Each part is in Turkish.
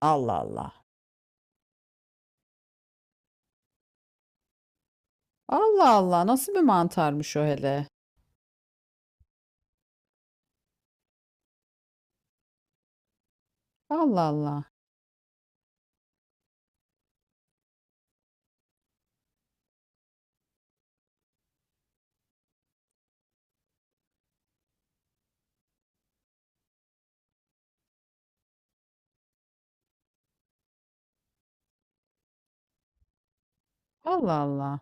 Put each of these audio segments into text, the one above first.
Allah Allah. Allah Allah. Nasıl bir mantarmış o hele? Allah Allah. Allah Allah.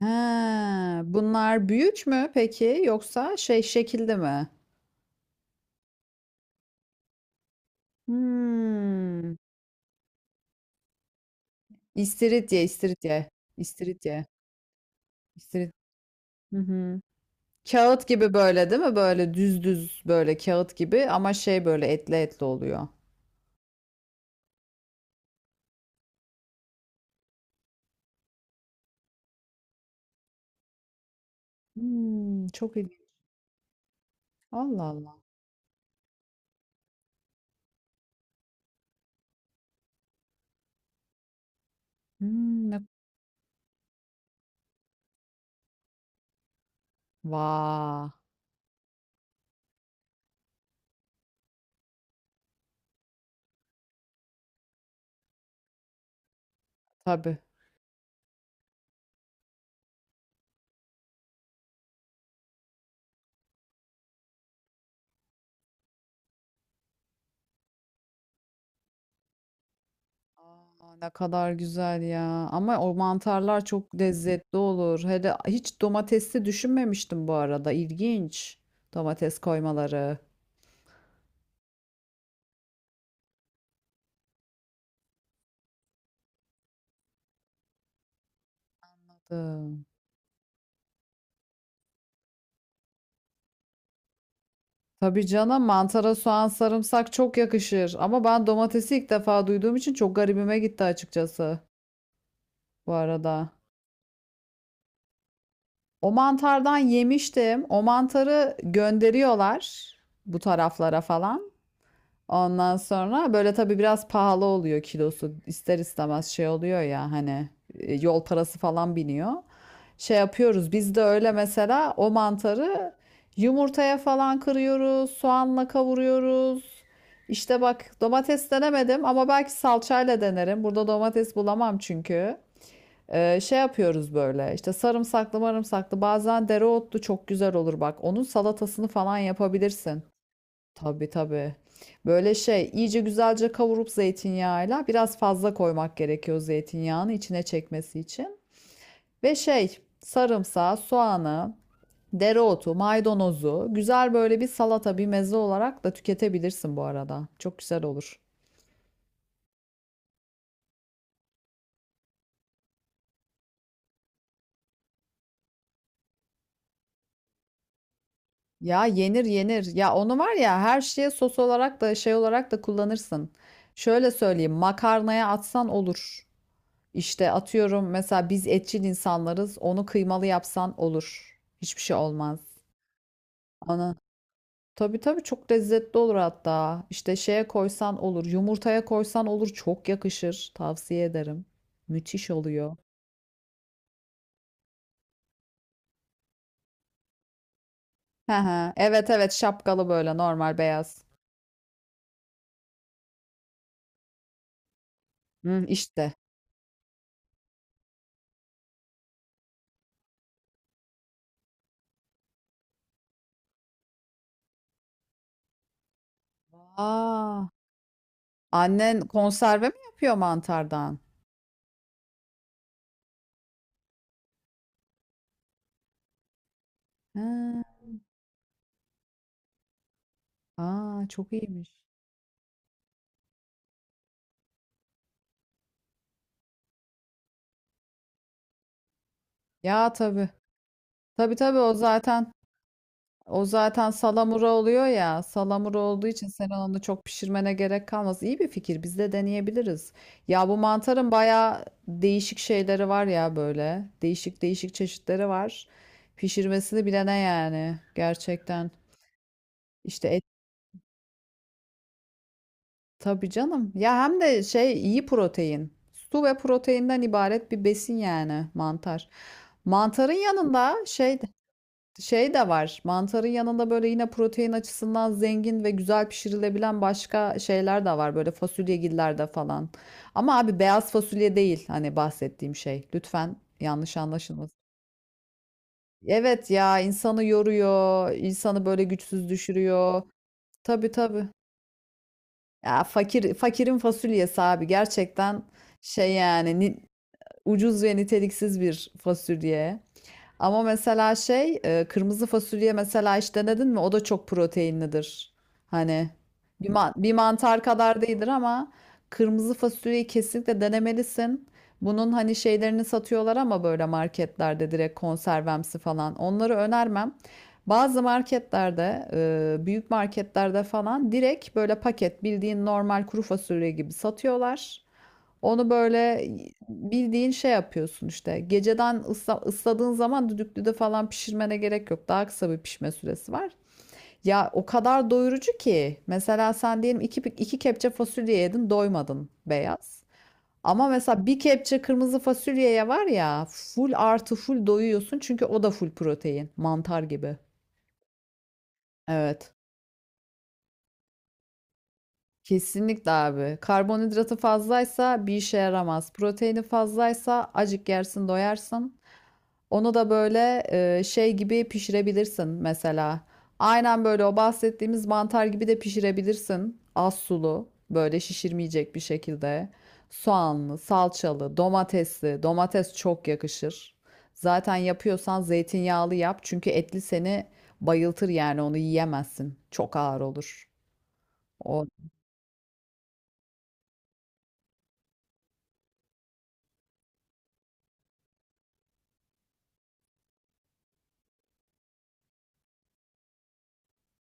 He, bunlar büyük mü peki yoksa şey şekilde mi? Hmm. İstiridye, istiridye. İstiridye, istiridye. Hı hı. Kağıt gibi böyle değil mi? Böyle düz düz böyle kağıt gibi ama şey böyle etli etli oluyor. Hmm, çok ilginç. Allah Allah. Hmm, ne... Vaa. Tabii. Aa, ne kadar güzel ya. Ama o mantarlar çok lezzetli olur. Hele hiç domatesli düşünmemiştim bu arada. İlginç. Domates koymaları. Anladım. Tabii canım, mantara soğan sarımsak çok yakışır. Ama ben domatesi ilk defa duyduğum için çok garibime gitti açıkçası bu arada. O mantardan yemiştim. O mantarı gönderiyorlar bu taraflara falan. Ondan sonra böyle tabii biraz pahalı oluyor kilosu. İster istemez şey oluyor ya, hani yol parası falan biniyor. Şey yapıyoruz biz de öyle, mesela o mantarı yumurtaya falan kırıyoruz, soğanla kavuruyoruz. İşte bak, domates denemedim ama belki salçayla denerim. Burada domates bulamam çünkü. Şey yapıyoruz böyle, işte sarımsaklı marımsaklı, bazen dereotlu, çok güzel olur bak. Onun salatasını falan yapabilirsin. Tabii tabii. Böyle şey iyice güzelce kavurup zeytinyağıyla, biraz fazla koymak gerekiyor zeytinyağını, içine çekmesi için. Ve şey sarımsağı, soğanı, dereotu, maydanozu güzel böyle bir salata, bir meze olarak da tüketebilirsin bu arada. Çok güzel olur. Ya yenir yenir. Ya onu var ya, her şeye sos olarak da şey olarak da kullanırsın. Şöyle söyleyeyim, makarnaya atsan olur. İşte atıyorum, mesela biz etçil insanlarız. Onu kıymalı yapsan olur. Hiçbir şey olmaz. Ana. Tabii tabii, çok lezzetli olur hatta. İşte şeye koysan olur. Yumurtaya koysan olur. Çok yakışır. Tavsiye ederim. Müthiş oluyor. He he. Evet evet, şapkalı böyle normal beyaz. Hı, işte. Aa, annen konserve mi yapıyor mantardan? Ha, aa, çok iyiymiş. Ya tabii. Tabii tabii, o zaten salamura oluyor ya. Salamura olduğu için sen onu çok pişirmene gerek kalmaz. İyi bir fikir. Biz de deneyebiliriz. Ya, bu mantarın bayağı değişik şeyleri var ya böyle. Değişik değişik çeşitleri var. Pişirmesini bilene yani, gerçekten. İşte et, tabii canım. Ya hem de şey, iyi protein. Su ve proteinden ibaret bir besin yani mantar. Mantarın yanında şey Şey de var. Mantarın yanında böyle yine protein açısından zengin ve güzel pişirilebilen başka şeyler de var. Böyle fasulyegillerde falan. Ama abi, beyaz fasulye değil hani bahsettiğim şey. Lütfen yanlış anlaşılmasın. Evet ya, insanı yoruyor, insanı böyle güçsüz düşürüyor. Tabii tabii. Ya fakir, fakirin fasulyesi abi, gerçekten şey yani, ucuz ve niteliksiz bir fasulye. Ama mesela şey, kırmızı fasulye mesela hiç denedin mi? O da çok proteinlidir. Hani bir mantar kadar değildir ama kırmızı fasulyeyi kesinlikle denemelisin. Bunun hani şeylerini satıyorlar, ama böyle marketlerde direkt konservemsi falan. Onları önermem. Bazı marketlerde, büyük marketlerde falan direkt böyle paket, bildiğin normal kuru fasulye gibi satıyorlar. Onu böyle bildiğin şey yapıyorsun işte. Geceden ısla, ısladığın zaman düdüklüde falan pişirmene gerek yok. Daha kısa bir pişme süresi var. Ya o kadar doyurucu ki. Mesela sen diyelim iki kepçe fasulye yedin, doymadın beyaz. Ama mesela bir kepçe kırmızı fasulyeye var ya, full artı full doyuyorsun. Çünkü o da full protein. Mantar gibi. Evet. Kesinlikle abi. Karbonhidratı fazlaysa bir işe yaramaz. Proteini fazlaysa acık yersin doyarsın. Onu da böyle şey gibi pişirebilirsin mesela. Aynen böyle o bahsettiğimiz mantar gibi de pişirebilirsin. Az sulu, böyle şişirmeyecek bir şekilde. Soğanlı, salçalı, domatesli. Domates çok yakışır. Zaten yapıyorsan zeytinyağlı yap. Çünkü etli seni bayıltır yani, onu yiyemezsin. Çok ağır olur. O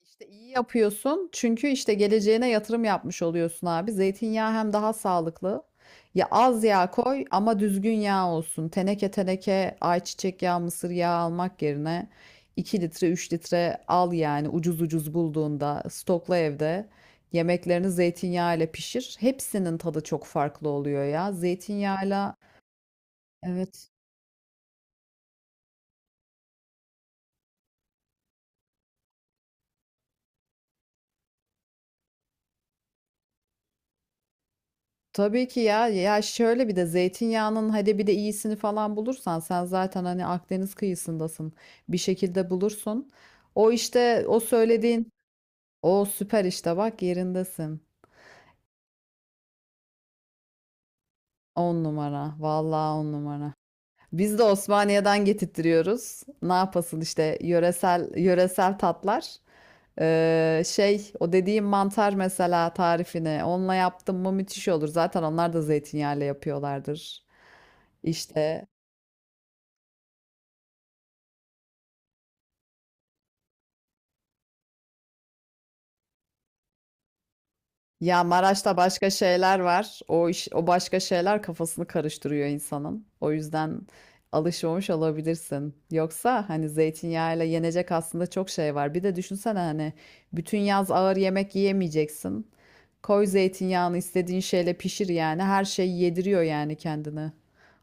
İşte iyi yapıyorsun, çünkü işte geleceğine yatırım yapmış oluyorsun abi. Zeytinyağı hem daha sağlıklı. Ya az yağ koy ama düzgün yağ olsun. Teneke teneke ayçiçek yağı, mısır yağı almak yerine 2 litre 3 litre al yani, ucuz ucuz bulduğunda stokla evde. Yemeklerini zeytinyağı ile pişir. Hepsinin tadı çok farklı oluyor ya. Zeytinyağıyla, evet. Tabii ki ya. Ya şöyle, bir de zeytinyağının hadi bir de iyisini falan bulursan, sen zaten hani Akdeniz kıyısındasın. Bir şekilde bulursun. O işte o söylediğin, o süper işte, bak yerindesin. 10 numara. Vallahi 10 numara. Biz de Osmaniye'den getirtiyoruz. Ne yapasın işte, yöresel yöresel tatlar. Şey, o dediğim mantar mesela, tarifini onunla yaptım mı müthiş olur. Zaten onlar da zeytinyağıyla yapıyorlardır. İşte. Ya Maraş'ta başka şeyler var. O iş, o başka şeyler kafasını karıştırıyor insanın. O yüzden alışmamış olabilirsin. Yoksa hani zeytinyağıyla yenecek aslında çok şey var. Bir de düşünsene hani bütün yaz ağır yemek yiyemeyeceksin. Koy zeytinyağını, istediğin şeyle pişir yani. Her şeyi yediriyor yani kendini.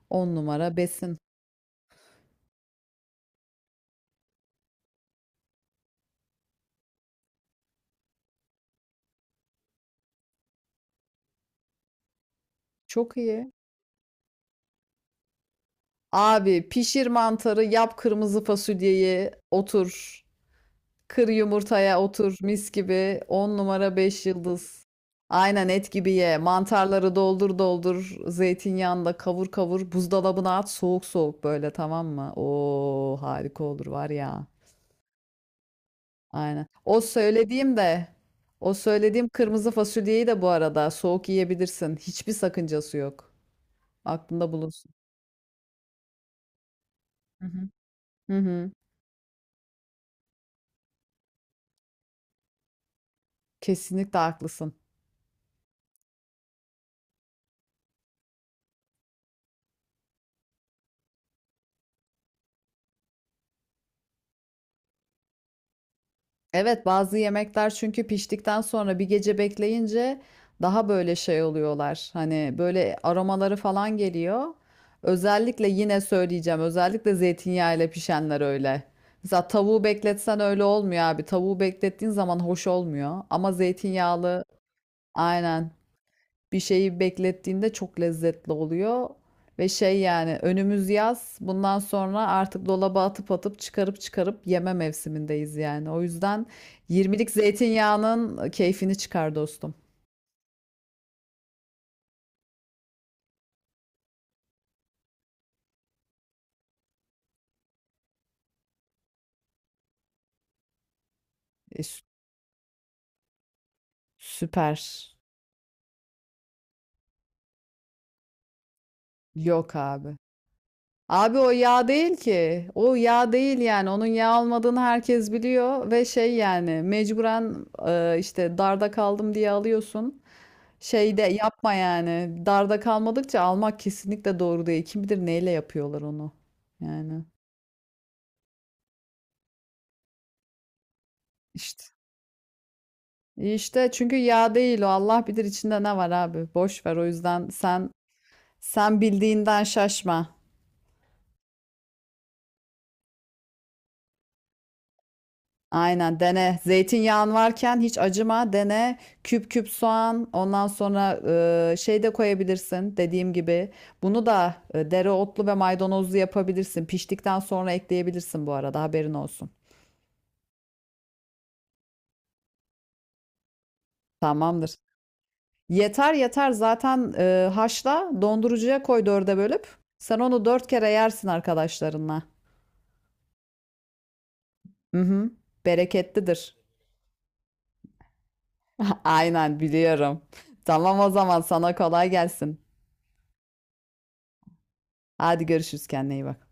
10 numara besin. Çok iyi. Abi, pişir mantarı, yap kırmızı fasulyeyi, otur. Kır yumurtaya, otur mis gibi. 10 numara 5 yıldız. Aynen et gibi ye. Mantarları doldur doldur. Zeytinyağında kavur kavur. Buzdolabına at soğuk soğuk böyle, tamam mı? Oo, harika olur var ya. Aynen. O söylediğim kırmızı fasulyeyi de bu arada soğuk yiyebilirsin. Hiçbir sakıncası yok. Aklında bulunsun. Hı hı. Hı hı. Kesinlikle haklısın. Evet, bazı yemekler çünkü piştikten sonra bir gece bekleyince daha böyle şey oluyorlar. Hani böyle aromaları falan geliyor. Özellikle, yine söyleyeceğim, özellikle zeytinyağı ile pişenler öyle. Mesela tavuğu bekletsen öyle olmuyor abi. Tavuğu beklettiğin zaman hoş olmuyor. Ama zeytinyağlı, aynen, bir şeyi beklettiğinde çok lezzetli oluyor. Ve şey yani, önümüz yaz. Bundan sonra artık dolaba atıp atıp çıkarıp çıkarıp yeme mevsimindeyiz yani. O yüzden 20'lik zeytinyağının keyfini çıkar dostum. E, sü- Süper. Yok abi. Abi o yağ değil ki. O yağ değil yani. Onun yağ olmadığını herkes biliyor ve şey yani, mecburen işte darda kaldım diye alıyorsun. Şeyde yapma yani. Darda kalmadıkça almak kesinlikle doğru değil. Kim bilir neyle yapıyorlar onu. Yani. işte İşte çünkü yağ değil o. Allah bilir içinde ne var abi. Boş ver, o yüzden sen, sen bildiğinden şaşma. Aynen dene. Zeytinyağın varken hiç acıma, dene. Küp küp soğan, ondan sonra şey de koyabilirsin dediğim gibi. Bunu da dereotlu ve maydanozlu yapabilirsin. Piştikten sonra ekleyebilirsin bu arada, haberin olsun. Tamamdır. Yeter yeter, zaten haşla, dondurucuya koy 4'e bölüp. Sen onu 4 kere yersin arkadaşlarınla. Hı hı. Bereketlidir. Aynen, biliyorum. Tamam o zaman, sana kolay gelsin. Hadi görüşürüz, kendine iyi bak.